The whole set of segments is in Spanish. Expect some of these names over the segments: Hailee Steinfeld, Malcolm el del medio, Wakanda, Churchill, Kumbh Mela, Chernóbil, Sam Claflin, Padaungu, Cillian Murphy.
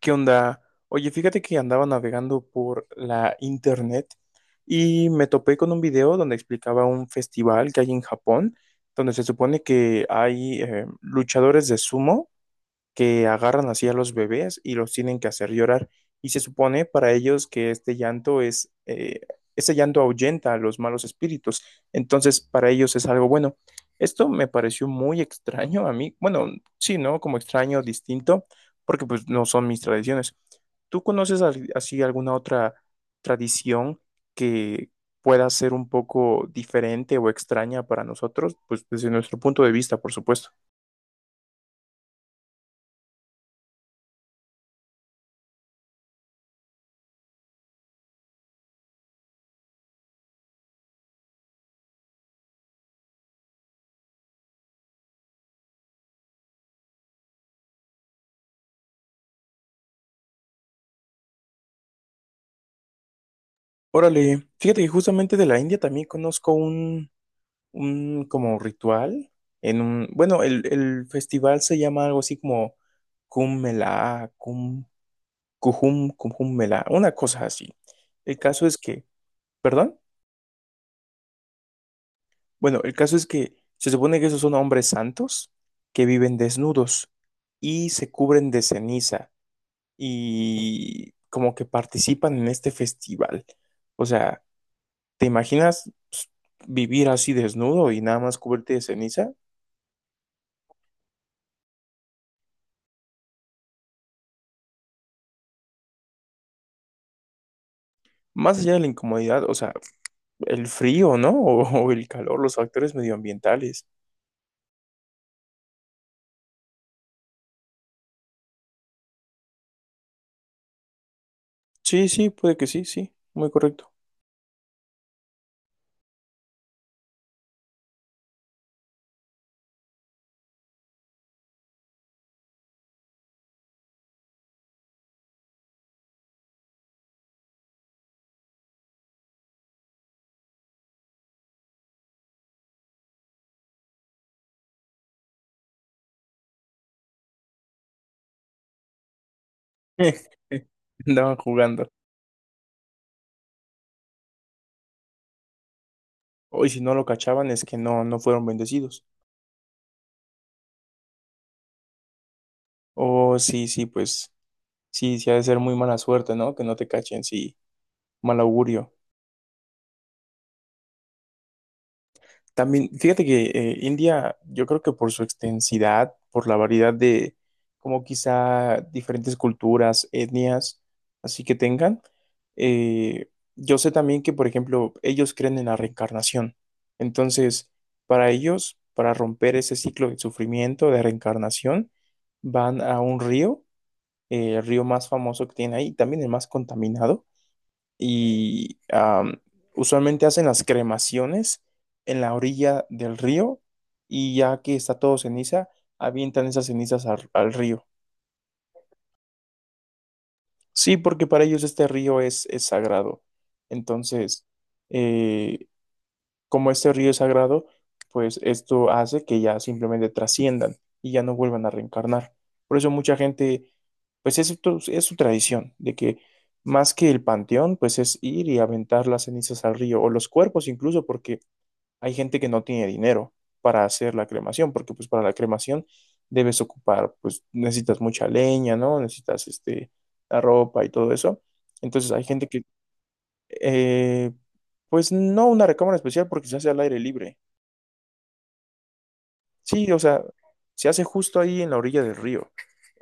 ¿Qué onda? Oye, fíjate que andaba navegando por la internet y me topé con un video donde explicaba un festival que hay en Japón, donde se supone que hay luchadores de sumo que agarran así a los bebés y los tienen que hacer llorar. Y se supone para ellos que este llanto ese llanto ahuyenta a los malos espíritus. Entonces, para ellos es algo bueno. Esto me pareció muy extraño a mí. Bueno, sí, ¿no? Como extraño, distinto, porque pues no son mis tradiciones. ¿Tú conoces así alguna otra tradición que pueda ser un poco diferente o extraña para nosotros? Pues desde nuestro punto de vista, por supuesto. Órale, fíjate que justamente de la India también conozco un como ritual en bueno, el festival se llama algo así como Kumbh Mela, Kumbh Mela, una cosa así. El caso es que, ¿perdón? Bueno, el caso es que se supone que esos son hombres santos que viven desnudos y se cubren de ceniza y como que participan en este festival. O sea, ¿te imaginas pues, vivir así desnudo y nada más cubrirte de ceniza? Más allá de la incomodidad, o sea, el frío, ¿no? O el calor, los factores medioambientales. Sí, sí, puede que sí, sí, muy correcto. Andaban jugando. O y si no lo cachaban es que no, no fueron bendecidos. O sí, sí, pues sí, sí ha de ser muy mala suerte, ¿no? Que no te cachen, sí, mal augurio. También, fíjate que India, yo creo que por su extensidad, por la variedad de como quizá diferentes culturas, etnias, así que tengan, eh, yo sé también que, por ejemplo, ellos creen en la reencarnación. Entonces, para ellos, para romper ese ciclo de sufrimiento, de reencarnación, van a un río, el río más famoso que tiene ahí, también el más contaminado y usualmente hacen las cremaciones en la orilla del río y ya que está todo ceniza, avientan esas cenizas al río. Sí, porque para ellos este río es sagrado. Entonces, eh, Como este río es sagrado, pues esto hace que ya simplemente trasciendan y ya no vuelvan a reencarnar. Por eso mucha gente, pues es su tradición, de que más que el panteón, pues es ir y aventar las cenizas al río o los cuerpos incluso, porque hay gente que no tiene dinero para hacer la cremación, porque pues para la cremación debes ocupar, pues necesitas mucha leña, ¿no? Necesitas este, la ropa y todo eso. Entonces hay gente eh, pues no una recámara especial porque se hace al aire libre. Sí, o sea, se hace justo ahí en la orilla del río.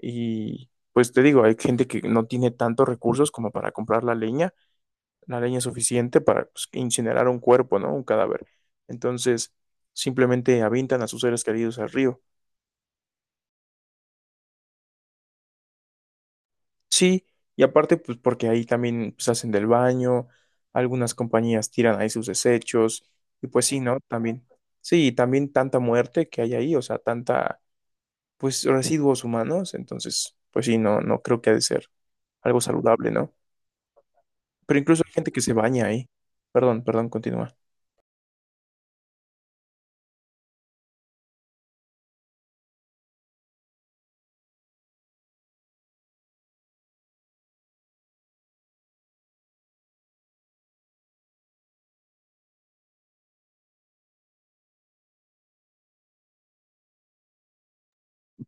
Y pues te digo, hay gente que no tiene tantos recursos como para comprar la leña. La leña es suficiente para pues, incinerar un cuerpo, ¿no? Un cadáver. Entonces, simplemente avientan a sus seres queridos al río. Sí, y aparte, pues porque ahí también pues, hacen del baño, algunas compañías tiran ahí sus desechos, y pues sí, ¿no? También, sí, también tanta muerte que hay ahí, o sea, tanta, pues residuos humanos, entonces, pues sí, no, no creo que ha de ser algo saludable, ¿no? Pero incluso hay gente que se baña ahí, perdón, perdón, continúa.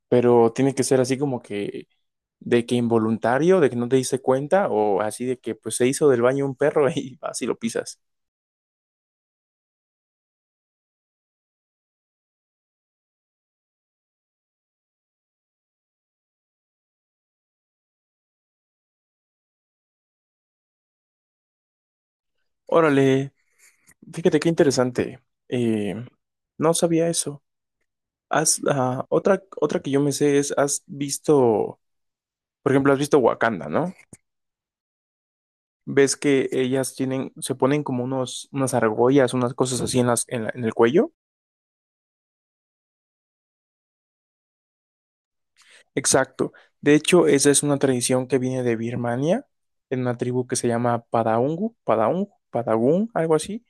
Pero tiene que ser así como que de que involuntario, de que no te diste cuenta o así de que pues se hizo del baño un perro y vas y lo pisas. Órale, fíjate qué interesante. Eh, no sabía eso. Otra que yo me sé es, has visto, por ejemplo, has visto Wakanda, ¿no? Ves que ellas tienen, se ponen como unos, unas argollas, unas cosas así en las, en el cuello. Exacto. De hecho, esa es una tradición que viene de Birmania, en una tribu que se llama Padagun, algo así.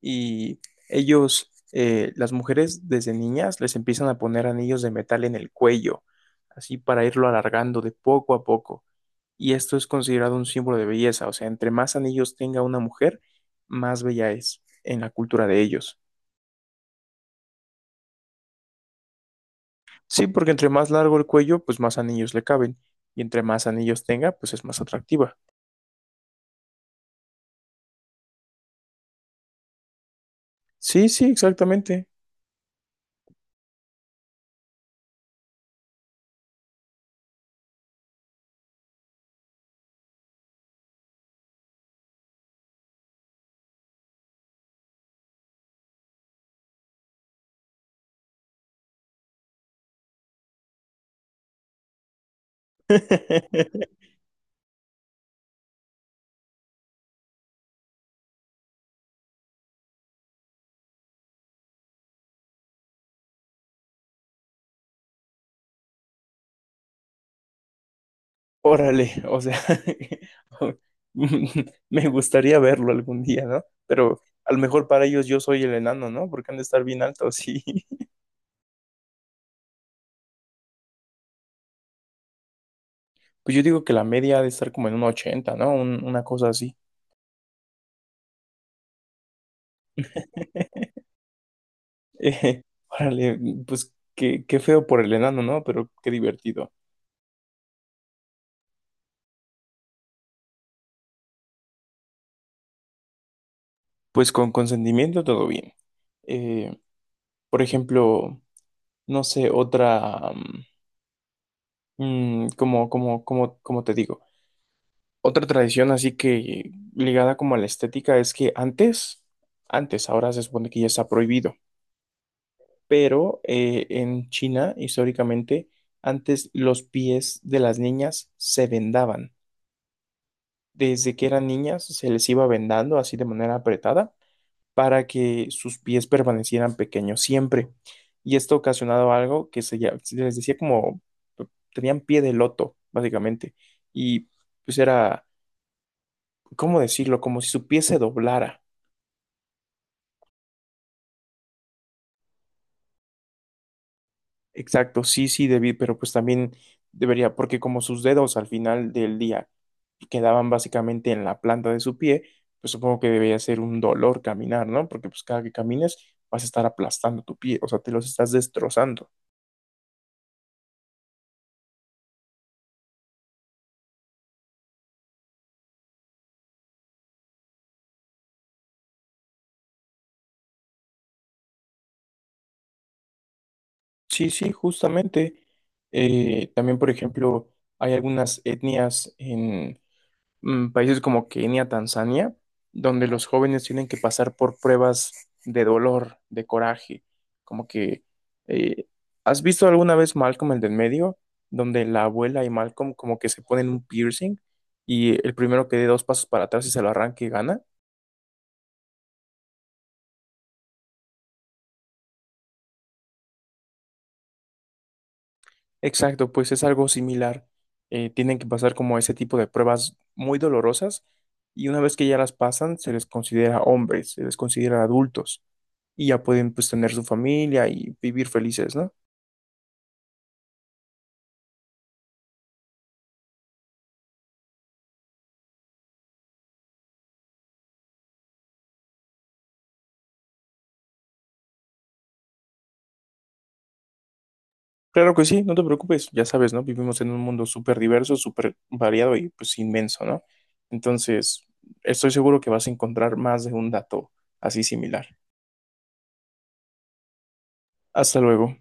Y las mujeres desde niñas, les empiezan a poner anillos de metal en el cuello, así para irlo alargando de poco a poco. Y esto es considerado un símbolo de belleza, o sea, entre más anillos tenga una mujer, más bella es en la cultura de ellos. Sí, porque entre más largo el cuello, pues más anillos le caben, y entre más anillos tenga, pues es más atractiva. Sí, sí, exactamente. Órale, o sea, me gustaría verlo algún día, ¿no? Pero a lo mejor para ellos yo soy el enano, ¿no? Porque han de estar bien altos, sí. Pues yo digo que la media ha de estar como en un 80, ¿no? Un- una cosa así. Eh, Órale, pues qué feo por el enano, ¿no? Pero qué divertido. Pues con consentimiento todo bien. Eh, por ejemplo, no sé, como te digo. Otra tradición así que ligada como a la estética es que antes, ahora se supone que ya está prohibido, pero en China históricamente antes los pies de las niñas se vendaban. Desde que eran niñas se les iba vendando así de manera apretada para que sus pies permanecieran pequeños siempre. Y esto ocasionaba algo que se les decía como tenían pie de loto, básicamente. Y pues era, ¿cómo decirlo? Como si su pie se doblara. Exacto, sí, sí, David, pero pues también debería, porque como sus dedos al final del día quedaban básicamente en la planta de su pie, pues supongo que debería ser un dolor caminar, ¿no? Porque pues cada que camines vas a estar aplastando tu pie, o sea, te los estás destrozando. Sí, sí, justamente. También, por ejemplo, hay algunas etnias, países como Kenia, Tanzania, donde los jóvenes tienen que pasar por pruebas de dolor, de coraje, como que eh, ¿has visto alguna vez Malcolm el del medio, donde la abuela y Malcolm como que se ponen un piercing y el primero que dé dos pasos para atrás y se lo arranque y gana? Exacto, pues es algo similar. Tienen que pasar como ese tipo de pruebas muy dolorosas y una vez que ya las pasan, se les considera hombres, se les considera adultos. Y ya pueden pues tener su familia y vivir felices, ¿no? Claro que sí, no te preocupes, ya sabes, ¿no? Vivimos en un mundo súper diverso, súper variado y pues inmenso, ¿no? Entonces, estoy seguro que vas a encontrar más de un dato así similar. Hasta luego.